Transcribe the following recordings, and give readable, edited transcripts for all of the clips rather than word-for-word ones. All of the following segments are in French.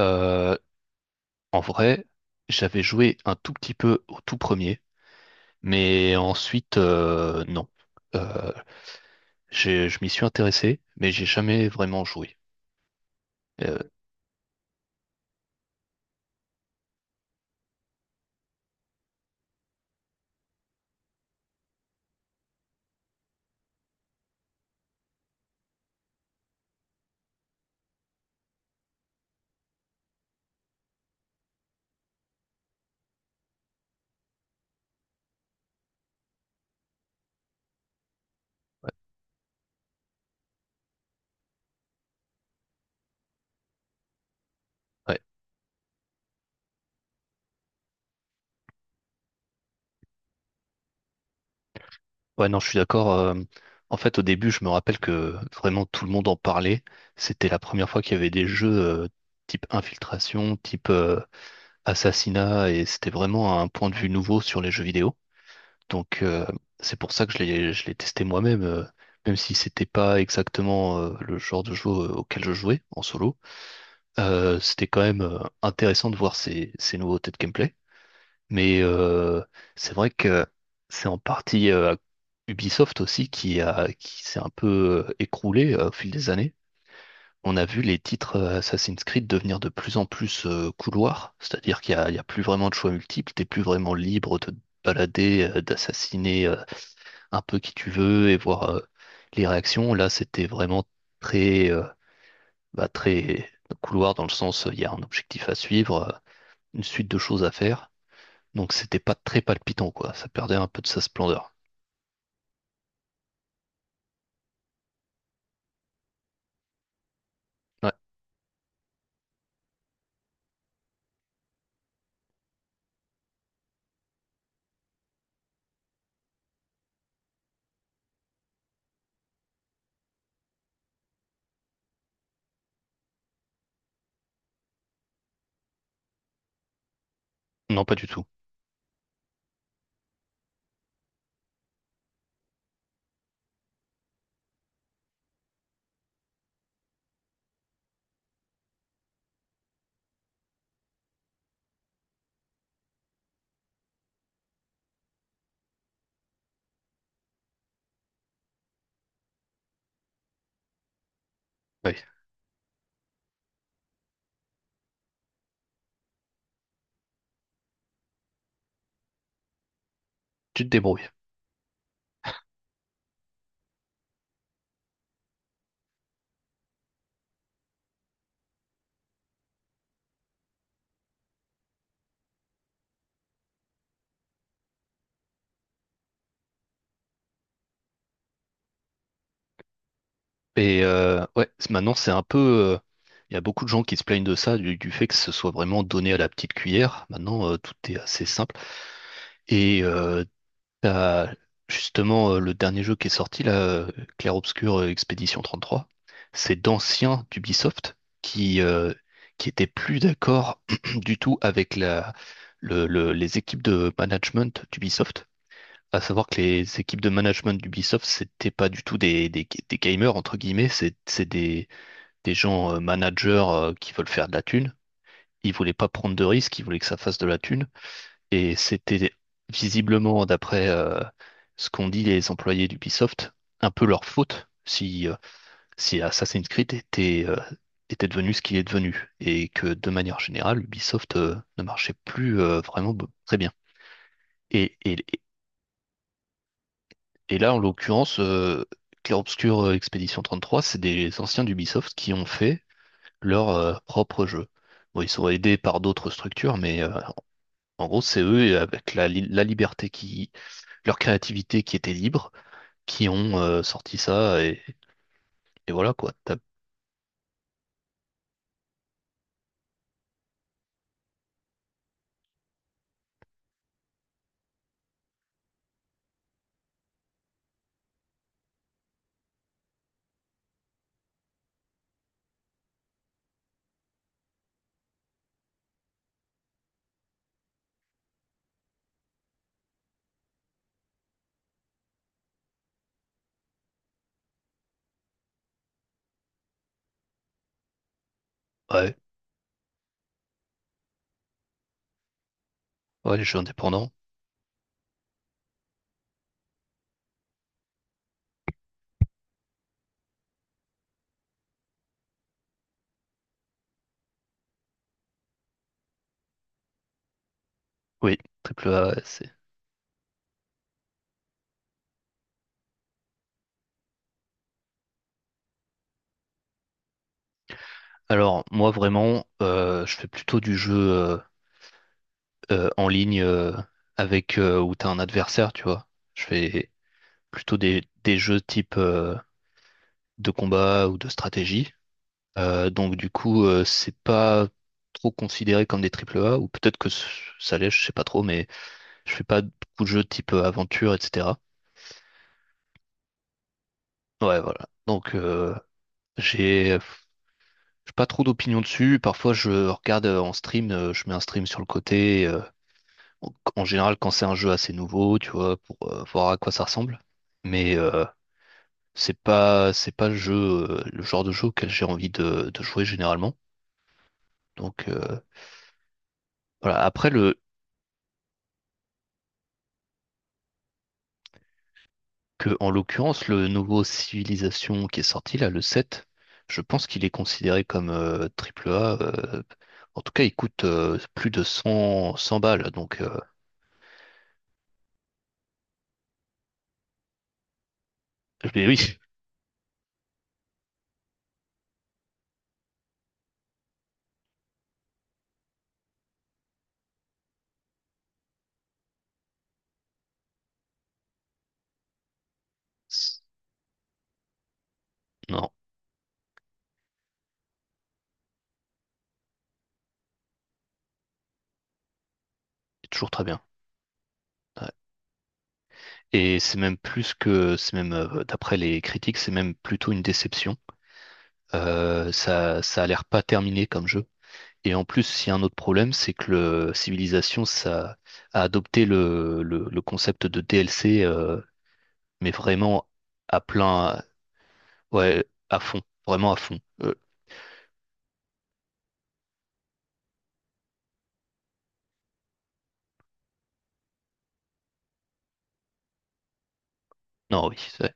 Euh, En vrai, j'avais joué un tout petit peu au tout premier, mais ensuite, non. Euh, je m'y suis intéressé, mais j'ai jamais vraiment joué. Euh, ouais. Ouais, non, je suis d'accord. En fait, au début, je me rappelle que vraiment tout le monde en parlait. C'était la première fois qu'il y avait des jeux type infiltration, type assassinat, et c'était vraiment un point de vue nouveau sur les jeux vidéo. Donc c'est pour ça que je l'ai testé moi-même, même si c'était pas exactement le genre de jeu auquel je jouais en solo. C'était quand même intéressant de voir ces nouveautés de gameplay. Mais c'est vrai que c'est en partie Ubisoft aussi qui s'est un peu écroulé au fil des années. On a vu les titres Assassin's Creed devenir de plus en plus couloirs, c'est-à-dire il y a plus vraiment de choix multiples, t'es plus vraiment libre de te balader, d'assassiner un peu qui tu veux et voir les réactions. Là, c'était vraiment très, euh, très couloir dans le sens, il y a un objectif à suivre, une suite de choses à faire. Donc, c'était pas très palpitant, quoi. Ça perdait un peu de sa splendeur. Ouais, non, pas du tout. Ouais, tu te débrouilles. Et ouais, maintenant, c'est un peu. euh, Il y a beaucoup de gens qui se plaignent de ça, du fait que ce soit vraiment donné à la petite cuillère. Maintenant, tout est assez simple. Et t'as justement le dernier jeu qui est sorti là, Clair Obscur Expédition 33, c'est d'anciens d'Ubisoft qui euh, qui étaient plus d'accord du tout avec les équipes de management d'Ubisoft. À savoir que les équipes de management d'Ubisoft, c'était pas du tout des gamers entre guillemets, c'est des gens managers qui veulent faire de la thune. Ils voulaient pas prendre de risques, ils voulaient que ça fasse de la thune. Et c'était visiblement, d'après ce qu'ont dit les employés d'Ubisoft, un peu leur faute si Assassin's Creed était devenu ce qu'il est devenu. Et que de manière générale, Ubisoft ne marchait plus vraiment très bien. Et, et, et là, en l'occurrence, Clair Obscur Expédition 33, c'est des anciens d'Ubisoft qui ont fait leur propre jeu. Bon, ils sont aidés par d'autres structures, mais en gros, c'est eux, et avec la liberté leur créativité qui était libre, qui ont sorti ça, et voilà quoi. Ouais, ouais, les jeux indépendants. Oui, triple A, ouais, c'est. Alors, moi vraiment, je fais plutôt du jeu en ligne avec où t'as un adversaire, tu vois. Je fais plutôt des jeux type de combat ou de stratégie. Donc du coup, c'est pas trop considéré comme des triple A, ou peut-être que ça l'est, je sais pas trop, mais je fais pas beaucoup de jeux type aventure, etc. Ouais, voilà. Donc, j'ai j'ai pas trop d'opinion dessus. Parfois, je regarde en stream, je mets un stream sur le côté. En général, quand c'est un jeu assez nouveau, tu vois, pour voir à quoi ça ressemble. Mais c'est pas le jeu, le genre de jeu auquel j'ai envie de jouer généralement. Donc, voilà. Après, que, en l'occurrence, le nouveau Civilisation qui est sorti, là, le 7, je pense qu'il est considéré comme triple A. En tout cas, il coûte plus de 100 100 balles. Donc, mais oui, c'est- non, il est toujours très bien. Ouais. Et c'est même plus que, c'est même, d'après les critiques, c'est même plutôt une déception. Ça a l'air pas terminé comme jeu. Et en plus, il y a un autre problème, c'est que le Civilization, ça a adopté le concept de DLC, mais vraiment à plein, ouais, à fond, vraiment à fond. Non, oui,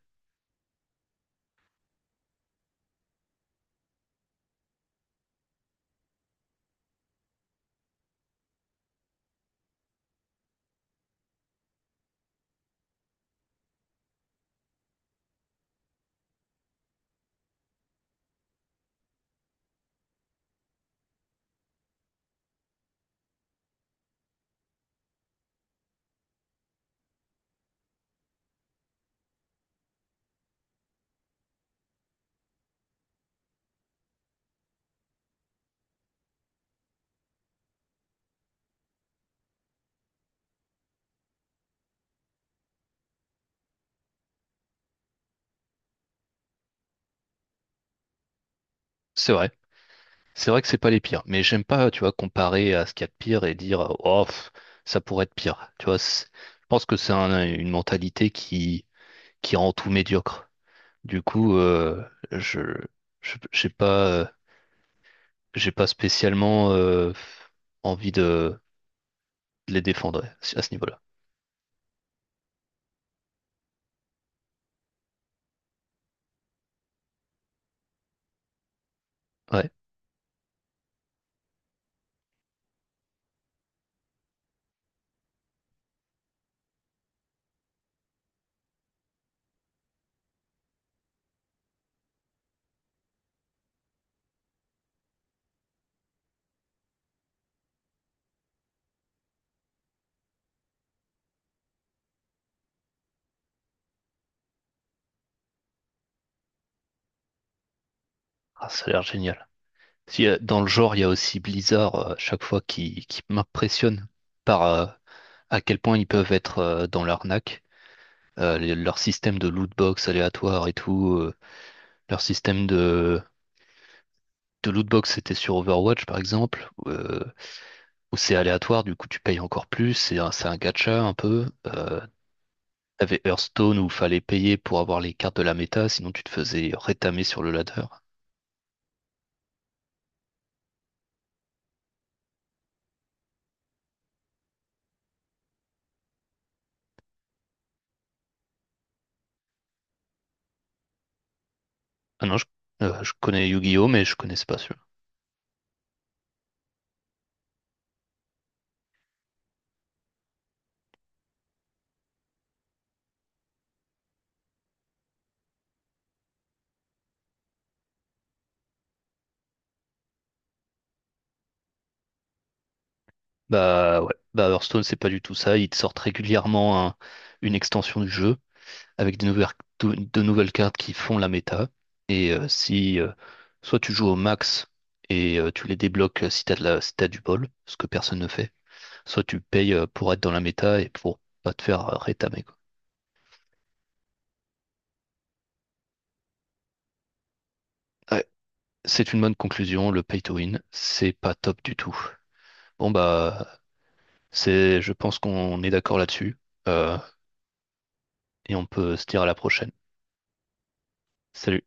c'est vrai. C'est vrai que c'est pas les pires, mais j'aime pas, tu vois, comparer à ce qu'il y a de pire et dire, oh, pff, ça pourrait être pire. Tu vois, je pense que une mentalité qui rend tout médiocre. Du coup, je, je, j'ai pas, euh, j'ai pas spécialement, envie de les défendre à ce niveau-là. Ouais, ah, ça a l'air génial. Si, dans le genre, il y a aussi Blizzard, chaque fois qui m'impressionne par à quel point ils peuvent être dans l'arnaque. Leur système de lootbox aléatoire et tout, leur système de lootbox, c'était sur Overwatch par exemple, où c'est aléatoire, du coup tu payes encore plus, c'est un gacha un peu. T'avais Hearthstone où fallait payer pour avoir les cartes de la méta, sinon tu te faisais rétamer sur le ladder. Ah non, je connais Yu-Gi-Oh, mais je connaissais pas celui-là. Bah ouais, bah Hearthstone c'est pas du tout ça, ils te sortent régulièrement une extension du jeu avec de nouvelles cartes qui font la méta. Et si soit tu joues au max et tu les débloques si t'as de la, si t'as du bol, ce que personne ne fait, soit tu payes pour être dans la méta et pour pas te faire rétamer quoi. C'est une bonne conclusion, le pay to win, c'est pas top du tout. Bon bah c'est je pense qu'on est d'accord là-dessus, euh, et on peut se dire à la prochaine. Salut.